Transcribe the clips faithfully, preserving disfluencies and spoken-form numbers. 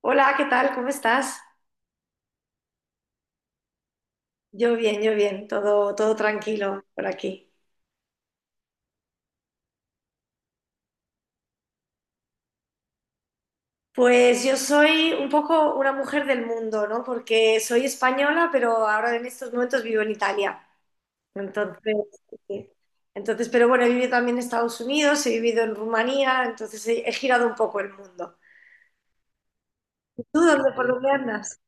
Hola, ¿qué tal? ¿Cómo estás? Yo bien, yo bien, todo, todo tranquilo por aquí. Pues yo soy un poco una mujer del mundo, ¿no? Porque soy española, pero ahora en estos momentos vivo en Italia. Entonces, sí. Entonces, pero bueno, he vivido también en Estados Unidos, he vivido en Rumanía, entonces he, he girado un poco el mundo. ¿Tú dónde, por dónde andas?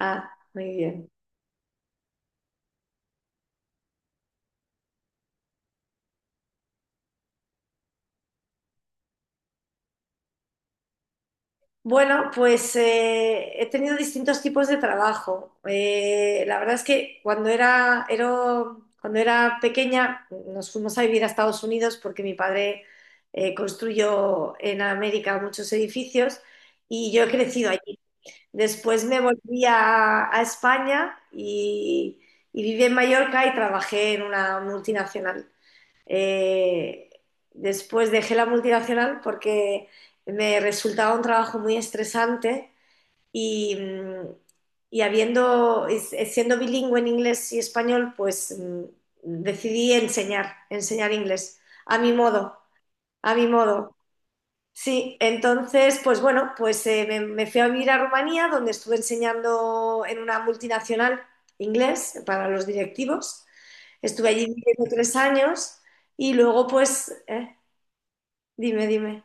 Ah, muy bien. Bueno, pues eh, he tenido distintos tipos de trabajo. Eh, la verdad es que cuando era, era- cuando era pequeña nos fuimos a vivir a Estados Unidos porque mi padre eh, construyó en América muchos edificios y yo he crecido allí. Después me volví a, a España y, y viví en Mallorca y trabajé en una multinacional. Eh, Después dejé la multinacional porque me resultaba un trabajo muy estresante y, mm, y habiendo, y s- siendo bilingüe en inglés y español, pues mm, decidí enseñar, enseñar inglés, a mi modo, a mi modo. Sí, entonces, pues bueno, pues eh, me, me fui a vivir a Rumanía, donde estuve enseñando en una multinacional inglés para los directivos. Estuve allí viviendo tres años y luego, pues, eh, dime, dime.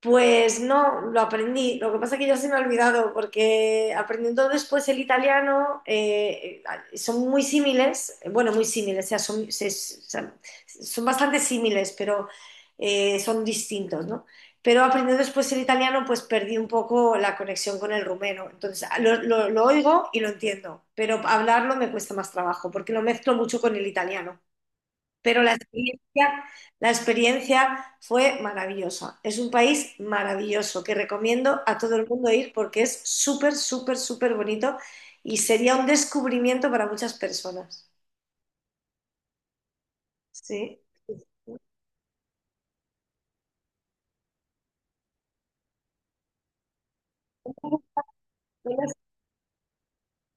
Pues no, lo aprendí. Lo que pasa es que ya se me ha olvidado, porque aprendiendo después el italiano eh, son muy símiles, bueno, muy símiles, o sea, son, se- se- son bastante símiles, pero eh, son distintos, ¿no? Pero aprendiendo después el italiano, pues perdí un poco la conexión con el rumeno. Entonces, lo, lo lo oigo y lo entiendo, pero hablarlo me cuesta más trabajo, porque lo mezclo mucho con el italiano. Pero la experiencia, la experiencia fue maravillosa. Es un país maravilloso que recomiendo a todo el mundo ir porque es súper, súper, súper bonito y sería un descubrimiento para muchas personas. Sí. ¿Dónde has,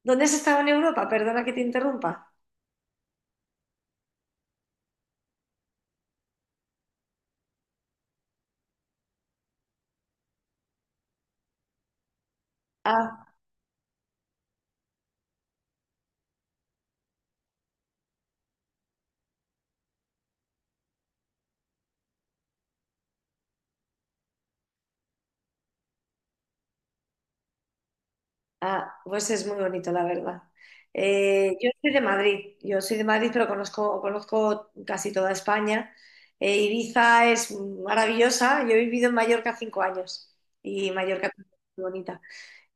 dónde has estado en Europa? Perdona que te interrumpa. Ah. Ah, pues es muy bonito, la verdad. Eh, yo soy de Madrid, yo soy de Madrid, pero conozco, conozco casi toda España. Eh, Ibiza es maravillosa, yo he vivido en Mallorca cinco años y Mallorca es muy bonita.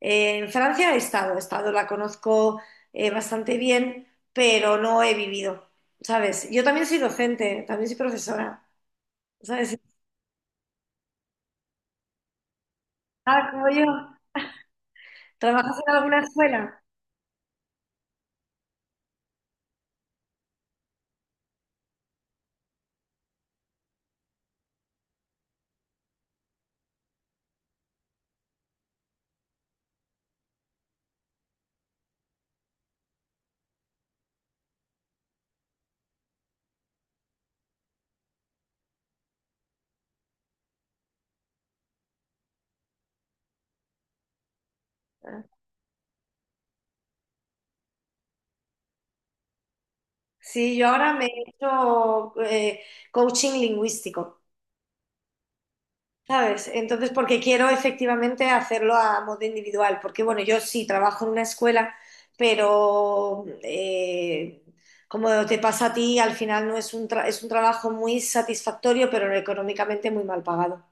Eh, en Francia he estado, he estado, la conozco eh, bastante bien, pero no he vivido, ¿sabes? Yo también soy docente, también soy profesora, ¿sabes? Ah, como yo, ¿trabajas en alguna escuela? Sí, yo ahora me he hecho eh, coaching lingüístico, ¿sabes? Entonces, porque quiero efectivamente hacerlo a modo individual, porque bueno, yo sí trabajo en una escuela, pero eh, como te pasa a ti, al final no es un tra- es un trabajo muy satisfactorio, pero económicamente muy mal pagado.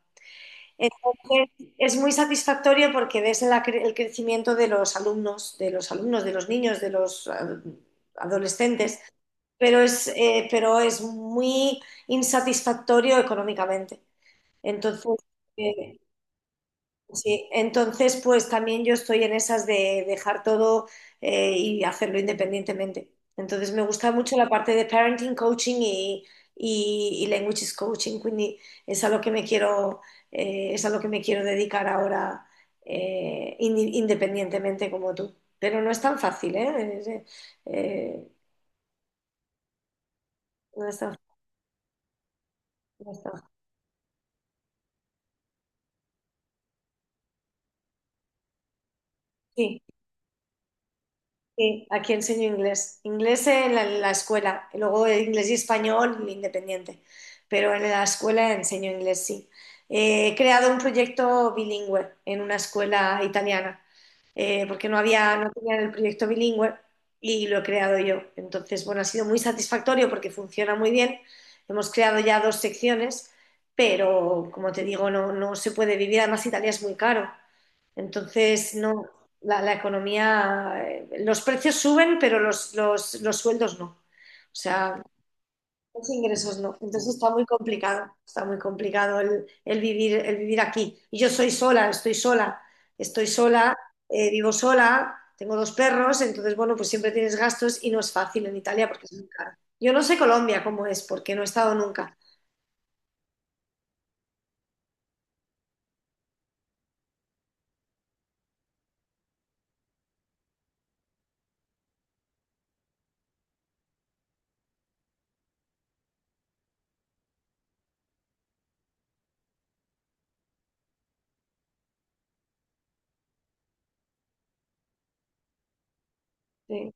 Entonces, es muy satisfactorio porque ves la cre- el crecimiento de los alumnos, de los alumnos, de los niños, de los eh, adolescentes, pero es, eh, pero es muy insatisfactorio económicamente. Entonces, eh, sí, entonces, pues también yo estoy en esas de dejar todo, eh, y hacerlo independientemente. Entonces, me gusta mucho la parte de parenting coaching y, y, y languages coaching. Quindi es a lo que me quiero, eh, es a lo que me quiero dedicar ahora, eh, indi- independientemente como tú. Pero no es tan fácil, ¿eh? Es, eh, eh, no es tan, no es tan fácil. Sí. Sí, aquí enseño inglés. Inglés en la, en la escuela, y luego eh, inglés y español independiente, pero en la escuela enseño inglés, sí. Eh, he creado un proyecto bilingüe en una escuela italiana, eh, porque no había, no tenían el proyecto bilingüe y lo he creado yo. Entonces, bueno, ha sido muy satisfactorio porque funciona muy bien. Hemos creado ya dos secciones, pero como te digo, no, no se puede vivir. Además, Italia es muy caro. Entonces, no, la, la economía, eh, los precios suben, pero los, los, los sueldos no. O sea, los ingresos no. Entonces está muy complicado, está muy complicado el, el vivir, el vivir aquí. Y yo soy sola, estoy sola, estoy sola, eh, vivo sola, tengo dos perros, entonces, bueno, pues siempre tienes gastos y no es fácil en Italia porque es muy caro. Yo no sé Colombia cómo es, porque no he estado nunca. Sí.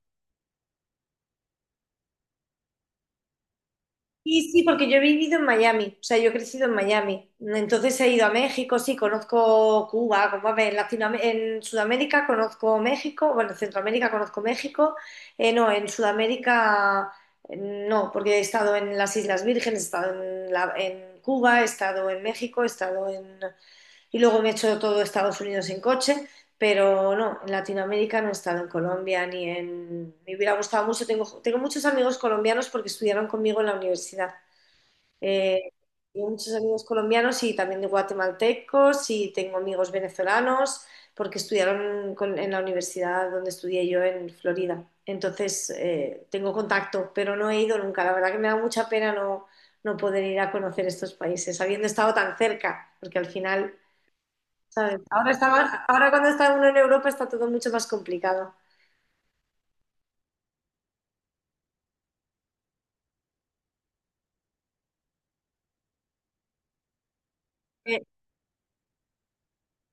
Sí, sí, porque yo he vivido en Miami, o sea, yo he crecido en Miami. Entonces he ido a México, sí, conozco Cuba, como a ver, Latinoam- en Sudamérica conozco México, bueno, en Centroamérica conozco México, eh, no, en Sudamérica eh, no, porque he estado en las Islas Vírgenes, he estado en, la- en Cuba, he estado en México, he estado en... y luego me he hecho todo Estados Unidos en coche, pero no, en Latinoamérica no he estado en Colombia ni en... Me hubiera gustado mucho, tengo, tengo muchos amigos colombianos porque estudiaron conmigo en la universidad. Eh, Tengo muchos amigos colombianos y también de guatemaltecos y tengo amigos venezolanos porque estudiaron con- en la universidad donde estudié yo en Florida. Entonces, eh, tengo contacto, pero no he ido nunca. La verdad que me da mucha pena no, no poder ir a conocer estos países, habiendo estado tan cerca, porque al final, ¿sabes? Ahora está más- ahora cuando está uno en Europa está todo mucho más complicado. Eh,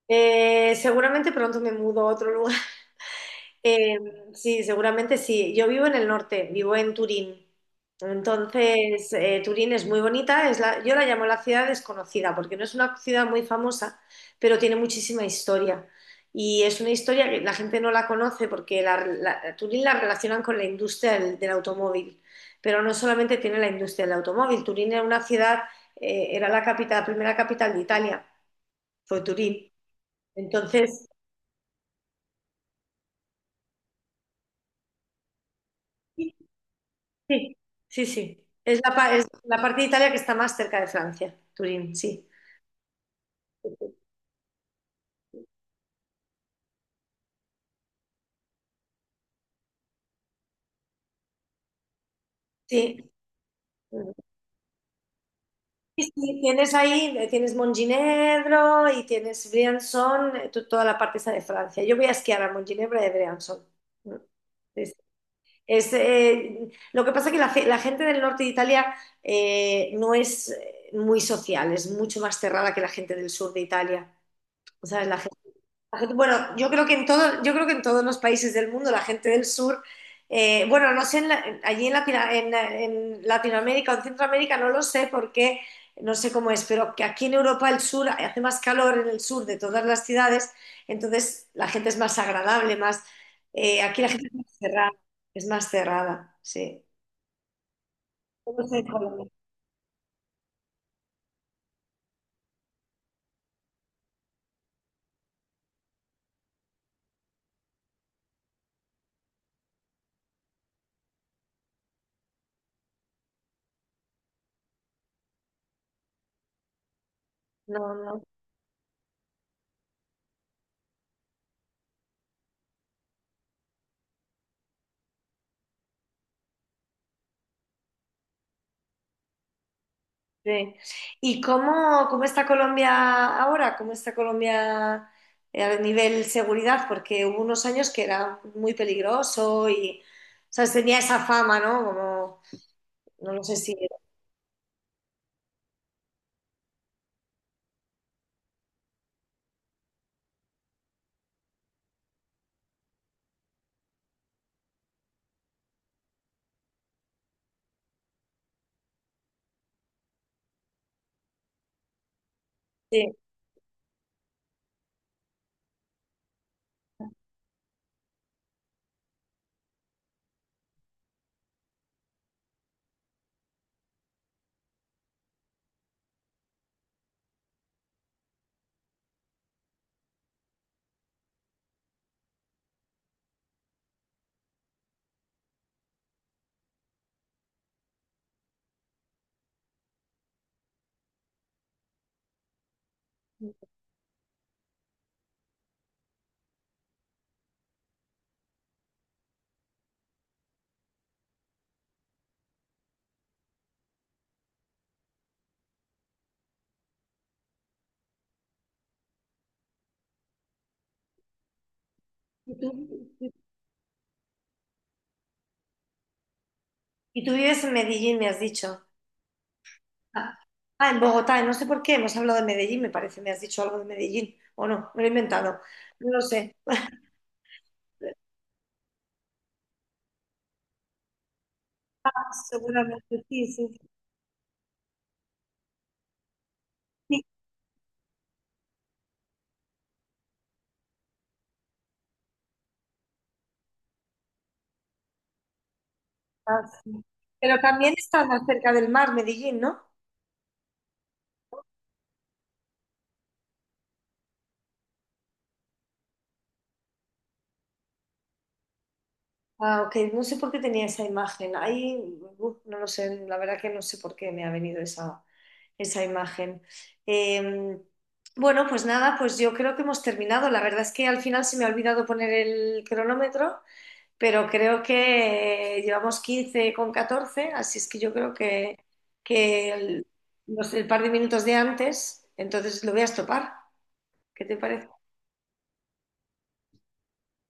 eh, Seguramente pronto me mudo a otro lugar. Eh, sí, seguramente sí. Yo vivo en el norte, vivo en Turín. Entonces, eh, Turín es muy bonita, es la, yo la llamo la ciudad desconocida, porque no es una ciudad muy famosa, pero tiene muchísima historia. Y es una historia que la gente no la conoce porque la, la- Turín la relacionan con la industria del, del automóvil, pero no solamente tiene la industria del automóvil. Turín era una ciudad, eh, era la capital, la primera capital de Italia, fue Turín. Entonces, sí, sí, sí. Es la, pa- es la parte de Italia que está más cerca de Francia, Turín, sí. Sí. Sí, sí, tienes ahí, eh, tienes Montginevro y tienes Briançon, eh, to- toda la parte esa de Francia. Yo voy a esquiar a Montginevro y a Briançon. Mm. Es, es, eh, lo que pasa es que la, fe- la gente del norte de Italia eh, no es eh, muy social, es mucho más cerrada que la gente del sur de Italia. O sea, la... La gente- Bueno, yo creo que en todo, yo creo que en todos los países del mundo, la gente del sur, eh, bueno, no sé, en la- allí en, Latina- en- en Latinoamérica o en Centroamérica no lo sé porque no sé cómo es, pero que aquí en Europa el sur hace más calor en el sur de todas las ciudades, entonces la gente es más agradable, más eh, aquí la gente es más cerrada, es más cerrada, sí. No sé en Colombia. No, no. Sí. ¿Y cómo, cómo está Colombia ahora? ¿Cómo está Colombia eh, a nivel seguridad? Porque hubo unos años que era muy peligroso y, ¿sabes? Tenía esa fama, ¿no? Como, no lo sé si... Sí. ¿Y tú, y tú vives en Medellín, me has dicho. Ah, ah, en Bogotá, no sé por qué, hemos hablado de Medellín, me parece, me has dicho algo de Medellín, o no, me lo he inventado, no lo sé. Ah, seguramente, sí, sí, sí. Ah, sí. Pero también estás más cerca del mar, Medellín, ¿no? Ah, ok, no sé por qué tenía esa imagen. Ahí, uf, no lo sé, la verdad que no sé por qué me ha venido esa, esa imagen. Eh, bueno, pues nada, pues yo creo que hemos terminado. La verdad es que al final se me ha olvidado poner el cronómetro, pero creo que eh, llevamos quince con catorce. Así es que yo creo que, que el, los- el par de minutos de antes, entonces lo voy a estopar. ¿Qué te parece?